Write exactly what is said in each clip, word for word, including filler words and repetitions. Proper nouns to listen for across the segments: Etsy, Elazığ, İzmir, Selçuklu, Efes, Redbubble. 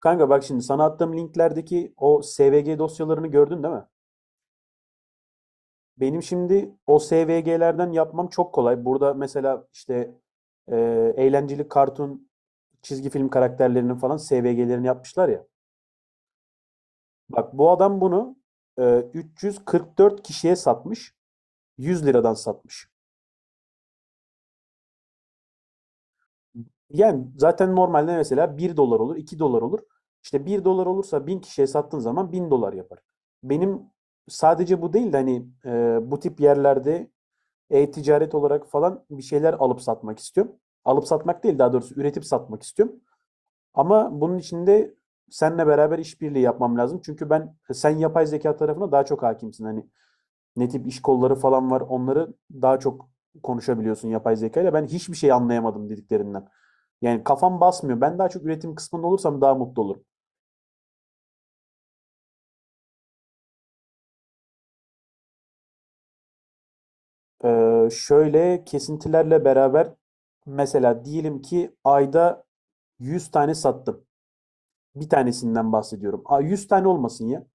Kanka bak şimdi sana attığım linklerdeki o S V G dosyalarını gördün değil mi? Benim şimdi o S V G'lerden yapmam çok kolay. Burada mesela işte e, eğlenceli kartun, çizgi film karakterlerinin falan S V G'lerini yapmışlar ya. Bak bu adam bunu e, üç yüz kırk dört kişiye satmış. yüz liradan satmış. Yani zaten normalde mesela bir dolar olur, iki dolar olur. İşte bir dolar olursa bin kişiye sattığın zaman bin dolar yapar. Benim sadece bu değil de hani e, bu tip yerlerde e-ticaret olarak falan bir şeyler alıp satmak istiyorum. Alıp satmak değil daha doğrusu üretip satmak istiyorum. Ama bunun için de seninle beraber işbirliği yapmam lazım. Çünkü ben sen yapay zeka tarafına daha çok hakimsin. Hani ne tip iş kolları falan var onları daha çok konuşabiliyorsun yapay zekayla. Ben hiçbir şey anlayamadım dediklerinden. Yani kafam basmıyor. Ben daha çok üretim kısmında olursam daha mutlu olurum. Ee, şöyle kesintilerle beraber mesela diyelim ki ayda yüz tane sattım. Bir tanesinden bahsediyorum. A- yüz tane olmasın ya.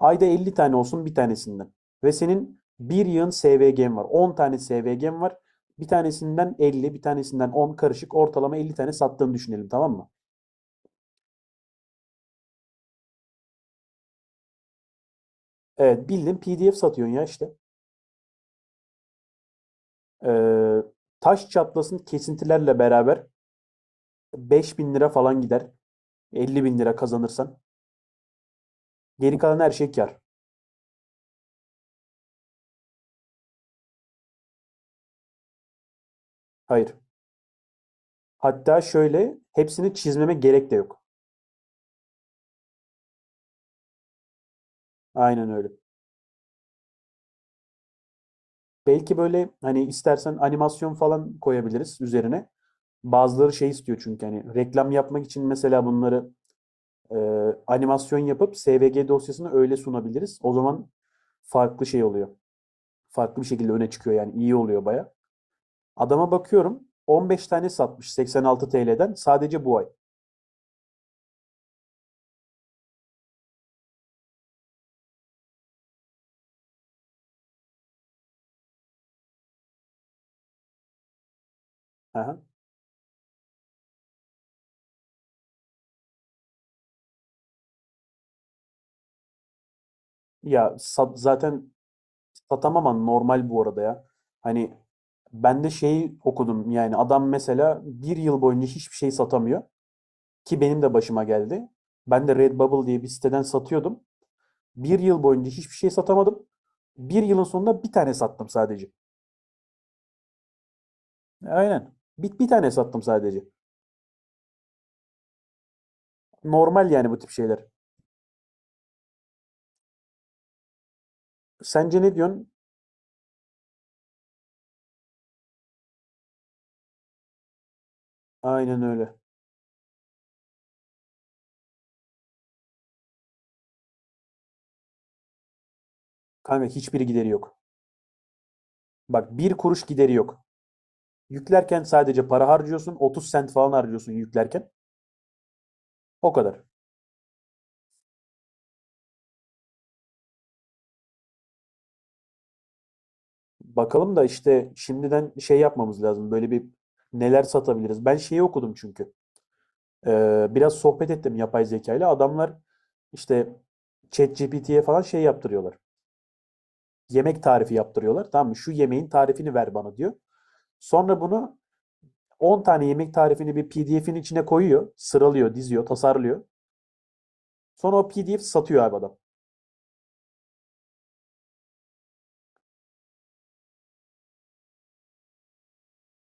Ayda elli tane olsun bir tanesinden. Ve senin bir yığın S V G'm var. on tane S V G'm var. Bir tanesinden elli, bir tanesinden on karışık ortalama elli tane sattığını düşünelim, tamam mı? Evet, bildiğin P D F satıyorsun ya işte. Ee, taş çatlasın kesintilerle beraber beş bin lira falan gider. elli bin lira kazanırsan. Geri kalan her şey kar. Hayır. Hatta şöyle hepsini çizmeme gerek de yok. Aynen öyle. Belki böyle hani istersen animasyon falan koyabiliriz üzerine. Bazıları şey istiyor çünkü hani reklam yapmak için mesela bunları e, animasyon yapıp S V G dosyasını öyle sunabiliriz. O zaman farklı şey oluyor. Farklı bir şekilde öne çıkıyor, yani iyi oluyor baya. Adama bakıyorum on beş tane satmış seksen altı T L'den sadece bu ay. Aha. Ya sat- zaten satamam ama normal bu arada ya. Hani ben de şeyi okudum, yani adam mesela bir yıl boyunca hiçbir şey satamıyor. Ki benim de başıma geldi. Ben de Redbubble diye bir siteden satıyordum. Bir yıl boyunca hiçbir şey satamadım. Bir yılın sonunda bir tane sattım sadece. Aynen. Bir, bir tane sattım sadece. Normal yani bu tip şeyler. Sence ne diyorsun? Aynen öyle. Kanka hiçbiri gideri yok. Bak bir kuruş gideri yok. Yüklerken sadece para harcıyorsun. otuz sent falan harcıyorsun yüklerken. O kadar. Bakalım da işte şimdiden şey yapmamız lazım. Böyle bir neler satabiliriz. Ben şeyi okudum çünkü. Ee, biraz sohbet ettim yapay zeka ile. Adamlar işte ChatGPT'ye falan şey yaptırıyorlar. Yemek tarifi yaptırıyorlar. Tamam mı? Şu yemeğin tarifini ver bana diyor. Sonra bunu on tane yemek tarifini bir P D F'in içine koyuyor. Sıralıyor, diziyor, tasarlıyor. Sonra o P D F satıyor abi adam.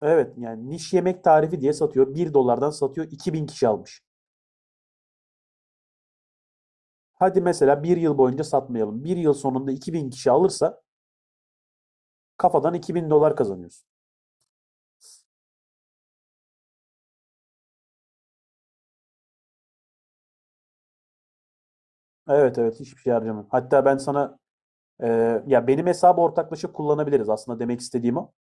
Evet, yani niş yemek tarifi diye satıyor. Bir dolardan satıyor. iki bin kişi almış. Hadi mesela bir yıl boyunca satmayalım. Bir yıl sonunda iki bin kişi alırsa kafadan iki bin dolar kazanıyorsun. Evet evet, hiçbir şey harcamam. Hatta ben sana Ee, ya, benim hesabı ortaklaşa kullanabiliriz aslında, demek istediğim o.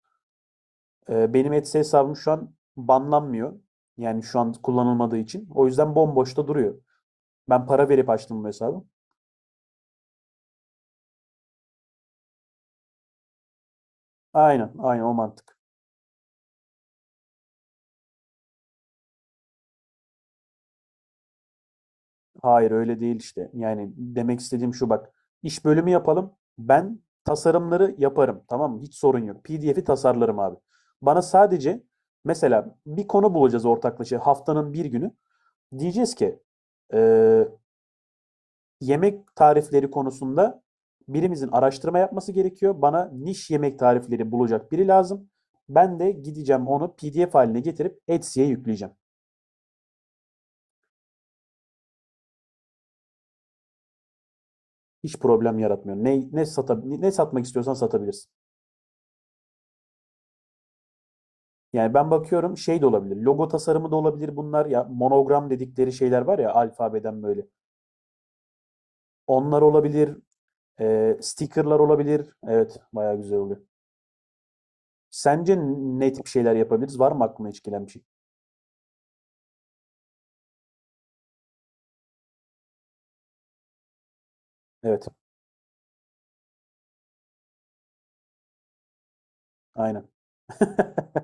Ee, benim Etsy hesabım şu an banlanmıyor. Yani şu an kullanılmadığı için. O yüzden bomboşta duruyor. Ben para verip açtım bu hesabı. Aynen, aynen o mantık. Hayır öyle değil işte. Yani demek istediğim şu, bak. İş bölümü yapalım. Ben tasarımları yaparım. Tamam mı? Hiç sorun yok. P D F'i tasarlarım abi. Bana sadece mesela bir konu bulacağız ortaklaşa haftanın bir günü. Diyeceğiz ki eee yemek tarifleri konusunda birimizin araştırma yapması gerekiyor. Bana niş yemek tarifleri bulacak biri lazım. Ben de gideceğim onu P D F haline getirip Etsy'ye yükleyeceğim. Hiç problem yaratmıyor. Ne ne sata, ne satmak istiyorsan satabilirsin. Yani ben bakıyorum şey de olabilir. Logo tasarımı da olabilir bunlar. Ya monogram dedikleri şeyler var ya, alfabeden böyle. Onlar olabilir. E, stickerlar olabilir. Evet, bayağı güzel oluyor. Sence ne tip şeyler yapabiliriz? Var mı aklına hiç gelen bir şey? Evet, aynen.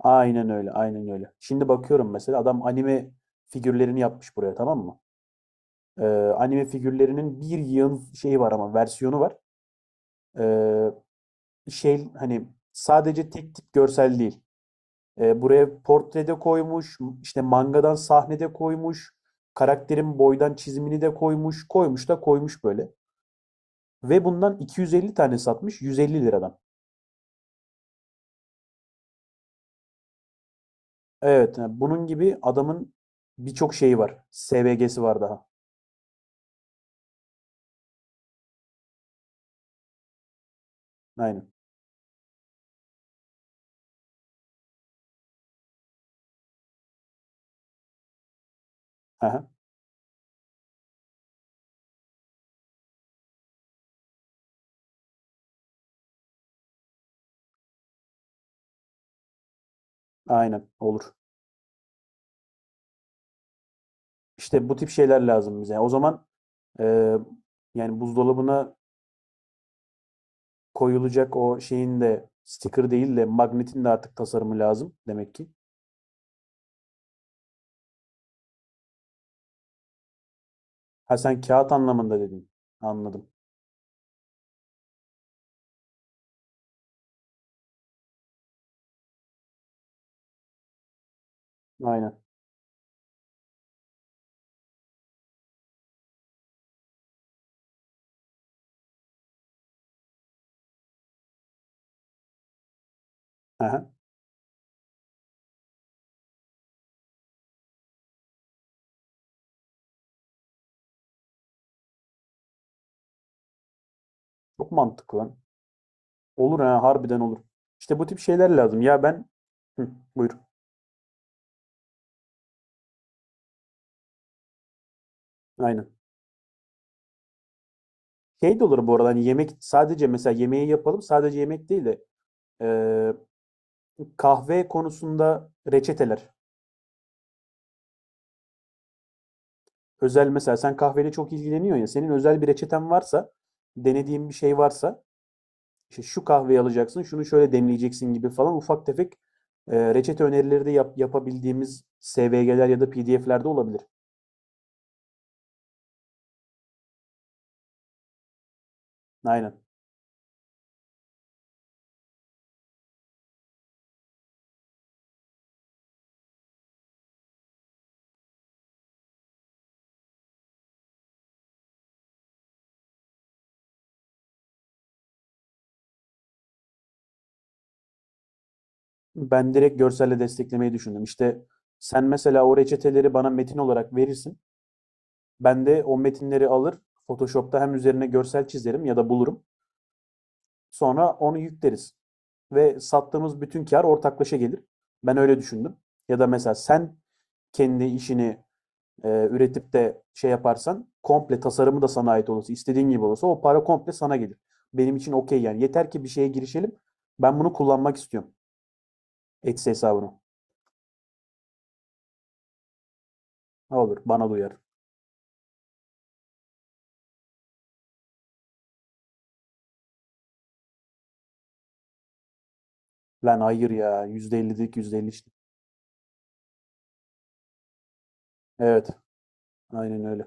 Aynen öyle, aynen öyle. Şimdi bakıyorum mesela adam anime figürlerini yapmış buraya, tamam mı? Ee, anime figürlerinin bir yığın şeyi var, ama versiyonu var. Ee, şey hani sadece tek tip görsel değil. Ee, buraya portrede koymuş, işte mangadan sahnede koymuş, karakterin boydan çizimini de koymuş, koymuş da koymuş böyle. Ve bundan iki yüz elli tane satmış yüz elli liradan. Evet, yani bunun gibi adamın birçok şeyi var. S V G'si var daha. Aynen. Aha. Aynen olur. İşte bu tip şeyler lazım bize. O zaman e, yani buzdolabına koyulacak o şeyin de sticker değil de magnetin de artık tasarımı lazım demek ki. Ha, sen kağıt anlamında dedin. Anladım. Aynen. Aha. Çok mantıklı lan. Olur, ha, harbiden olur. İşte bu tip şeyler lazım. Ya ben Hı, buyur. Aynen. Şey de olur bu arada, hani yemek sadece, mesela yemeği yapalım, sadece yemek değil de e, kahve konusunda reçeteler. Özel, mesela sen kahveyle çok ilgileniyorsun ya, senin özel bir reçeten varsa, denediğin bir şey varsa, işte şu kahveyi alacaksın şunu şöyle demleyeceksin gibi falan ufak tefek e, reçete önerileri de yap- yapabildiğimiz S V G'ler ya da P D F'lerde olabilir. Aynen. Ben direkt görselle desteklemeyi düşündüm. İşte sen mesela o reçeteleri bana metin olarak verirsin. Ben de o metinleri alır Photoshop'ta hem üzerine görsel çizerim ya da bulurum. Sonra onu yükleriz. Ve sattığımız bütün kar ortaklaşa gelir. Ben öyle düşündüm. Ya da mesela sen kendi işini e, üretip de şey yaparsan, komple tasarımı da sana ait olursa, istediğin gibi olursa o para komple sana gelir. Benim için okey yani. Yeter ki bir şeye girişelim. Ben bunu kullanmak istiyorum. Etsy hesabını. Ne olur bana duyar. uyar. Lan hayır ya. Yüzde ellilik yüzde elli işte. Evet. Aynen öyle.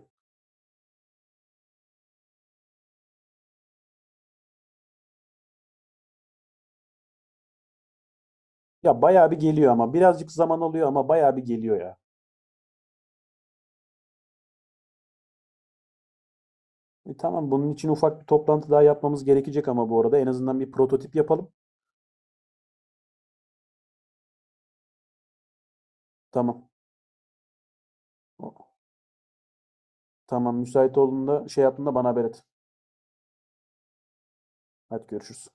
Ya bayağı bir geliyor ama. Birazcık zaman alıyor ama bayağı bir geliyor ya. E, tamam bunun için ufak bir toplantı daha yapmamız gerekecek, ama bu arada en azından bir prototip yapalım. Tamam. O- Tamam, müsait olduğunda şey yaptığında bana haber et. Hadi görüşürüz.